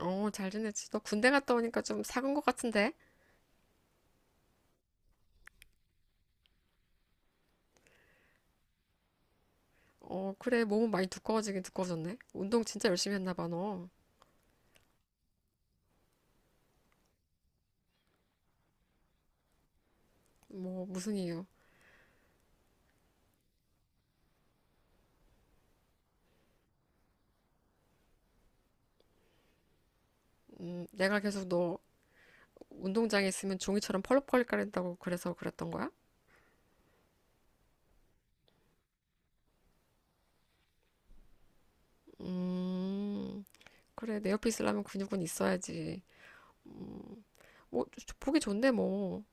어, 잘 지냈지. 너 군대 갔다 오니까 좀 사간 것 같은데? 어, 그래. 몸은 많이 두꺼워지긴 두꺼워졌네. 운동 진짜 열심히 했나 봐, 너. 뭐, 무슨 이유? 내가 계속 너 운동장에 있으면 종이처럼 펄럭펄럭 거린다고 그래서 그랬던 거야? 음, 그래. 내 옆에 있으려면 근육은 있어야지. 음, 뭐, 보기 좋은데, 뭐.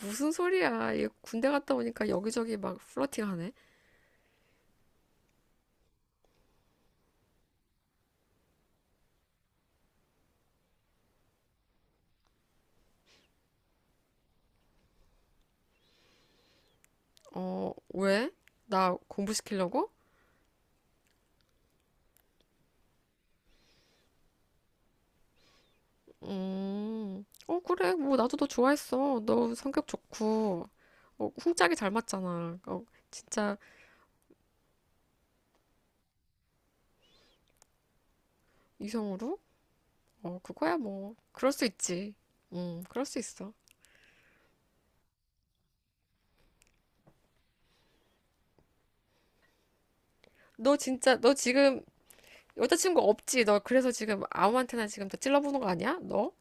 무슨 소리야. 얘 군대 갔다 오니까 여기저기 막 플러팅하네. 어, 왜? 나 공부시키려고? 어, 그래. 뭐, 나도 너 좋아했어. 너 성격 좋고, 어, 훈짝이 잘 맞잖아. 어, 진짜 이성으로? 어, 그거야, 뭐. 그럴 수 있지. 그럴 수 있어. 너 진짜, 너 지금 여자친구 없지? 너 그래서 지금 아무한테나 지금 다 찔러보는 거 아니야? 너?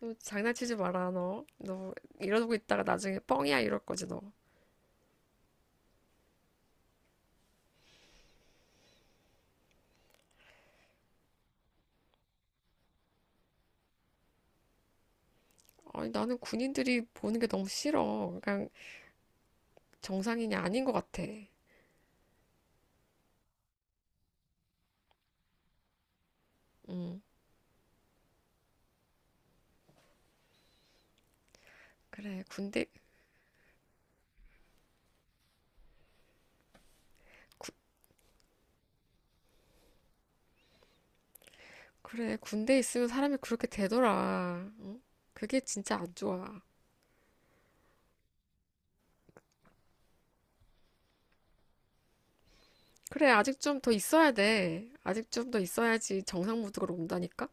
너 장난치지 마라, 너. 너 이러고 있다가 나중에 뻥이야, 이럴 거지, 너. 아니, 나는 군인들이 보는 게 너무 싫어. 그냥 정상인이 아닌 것 같아. 음, 그래. 군대, 그래, 군대에 있으면 사람이 그렇게 되더라. 응? 그게 진짜 안 좋아. 그래, 아직 좀 더 있어야 돼. 아직 좀 더 있어야지 정상 무드로 온다니까?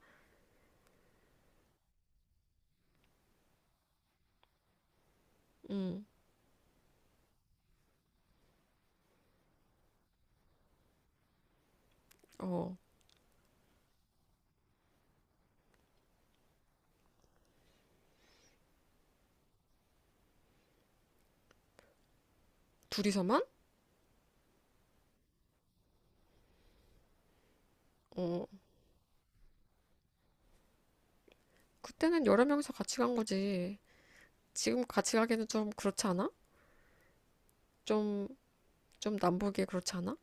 응, 어, 둘이서만? 어, 그때는 여러 명이서 같이 간 거지. 지금 같이 가기는 좀 그렇지 않아? 좀, 좀 남보기에 그렇지 않아?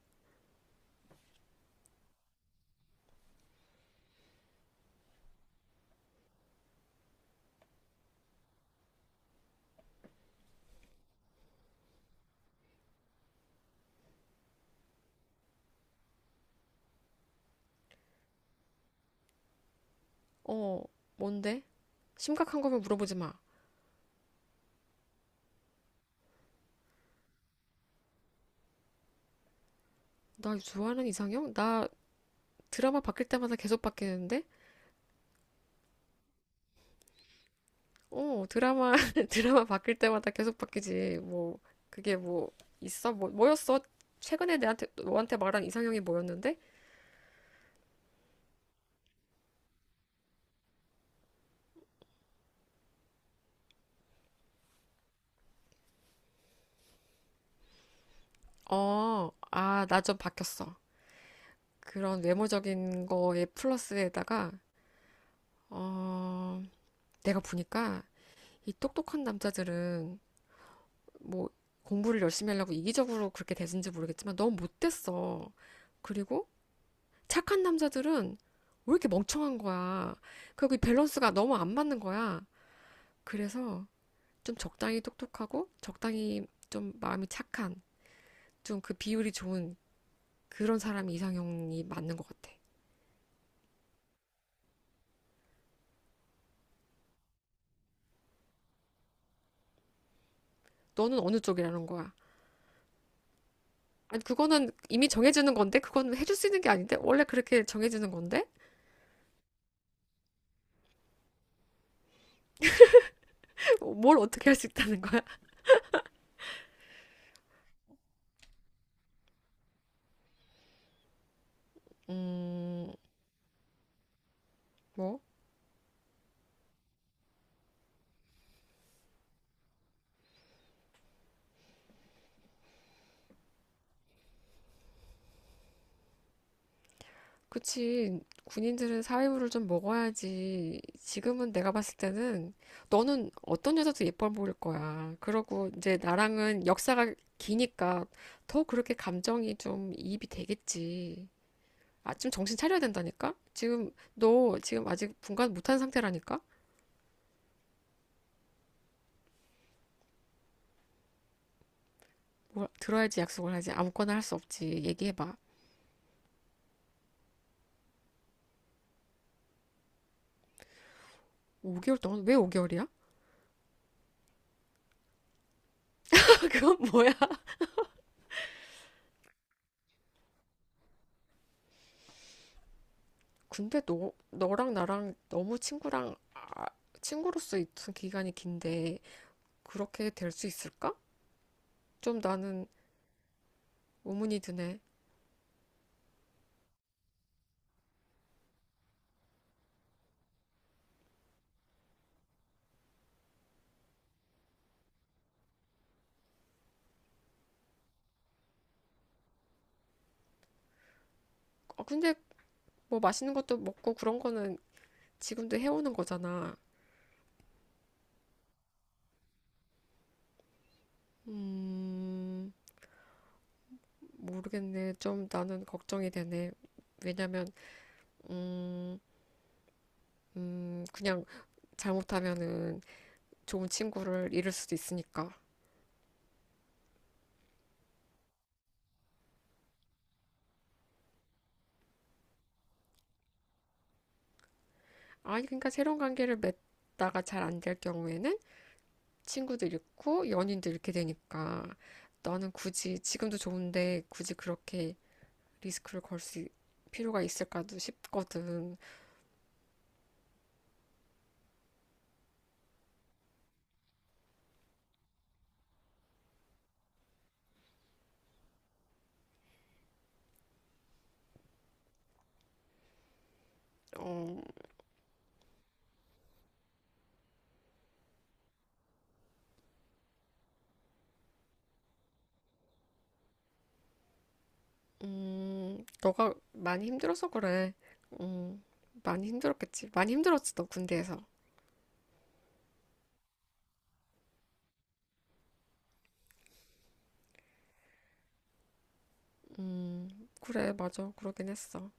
어, 뭔데? 심각한 거면 물어보지 마. 나 좋아하는 이상형? 나 드라마 바뀔 때마다 계속 바뀌는데? 어, 드라마, 드라마 바뀔 때마다 계속 바뀌지. 뭐, 그게 뭐, 있어? 뭐, 뭐였어? 최근에 내한테, 너한테 말한 이상형이 뭐였는데? 어, 아, 나 좀 바뀌었어. 그런 외모적인 거에 플러스에다가, 어, 내가 보니까 이 똑똑한 남자들은 뭐, 공부를 열심히 하려고 이기적으로 그렇게 됐는지 모르겠지만 너무 못됐어. 그리고 착한 남자들은 왜 이렇게 멍청한 거야. 그리고 이 밸런스가 너무 안 맞는 거야. 그래서 좀 적당히 똑똑하고 적당히 좀 마음이 착한 좀 그 비율이 좋은 그런 사람이 이상형이 맞는 것 같아. 너는 어느 쪽이라는 거야? 아니, 그거는 이미 정해지는 건데 그건 해줄 수 있는 게 아닌데 원래 그렇게 정해지는 건데. 뭘 어떻게 할 수 있다는 거야? 음, 뭐? 그치. 군인들은 사회물을 좀 먹어야지. 지금은 내가 봤을 때는 너는 어떤 여자도 예뻐 보일 거야. 그러고 이제 나랑은 역사가 기니까 더 그렇게 감정이 좀 이입이 되겠지. 아, 좀 정신 차려야 된다니까? 지금 너 지금 아직 분간 못한 상태라니까? 뭘 들어야지 약속을 하지. 아무거나 할 수 없지. 얘기해봐. 5개월 동안 왜 5개월이야? 그건 뭐야? 근데 너, 너랑 나랑 너무 친구랑, 아, 친구로서 있던 기간이 긴데 그렇게 될 수 있을까? 좀 나는 의문이 드네. 아, 근데 뭐 맛있는 것도 먹고 그런 거는 지금도 해오는 거잖아. 음, 모르겠네. 좀 나는 걱정이 되네. 왜냐면, 음, 그냥 잘못하면은 좋은 친구를 잃을 수도 있으니까. 아니, 그러니까 새로운 관계를 맺다가 잘 안 될 경우에는 친구도 잃고 연인도 잃게 되니까. 나는 굳이 지금도 좋은데 굳이 그렇게 리스크를 걸 수 필요가 있을까도 싶거든. 어, 너가 많이 힘들어서 그래. 음, 많이 힘들었겠지. 많이 힘들었지, 너 군대에서. 그래, 맞아. 그러긴 했어.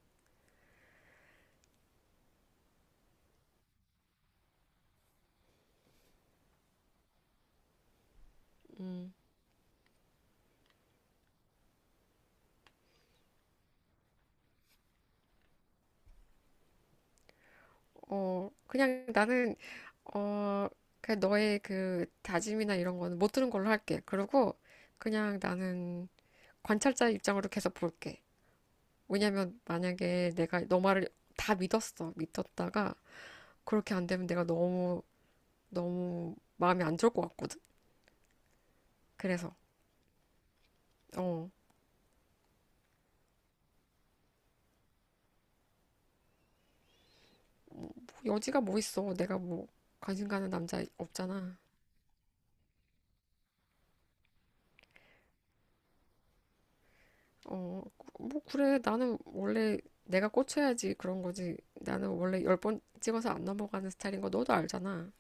음, 어, 그냥 나는, 어, 그냥 너의 그 다짐이나 이런 거는 못 들은 걸로 할게. 그리고 그냥 나는 관찰자의 입장으로 계속 볼게. 왜냐면 만약에 내가 너 말을 다 믿었어. 믿었다가 그렇게 안 되면 내가 너무 너무 마이 안 좋을 것 같거든. 그래서 어, 뭐 여지가 뭐 있어. 내가 뭐 관심 가는 남자 없잖아. 어, 뭐 그래. 나는 원래 내가 꽂혀야지 그런 거지. 나는 원래 열 번 찍어서 안 넘어가는 스타일인 거 너도 알잖아.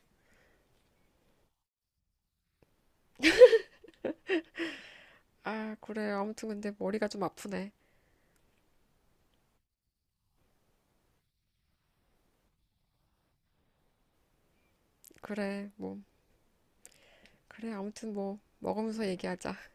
아, 그래. 아무튼 근데 머리가 좀 아프네. 그래. 뭐 그래. 아무튼 뭐 먹으면서 얘기하자.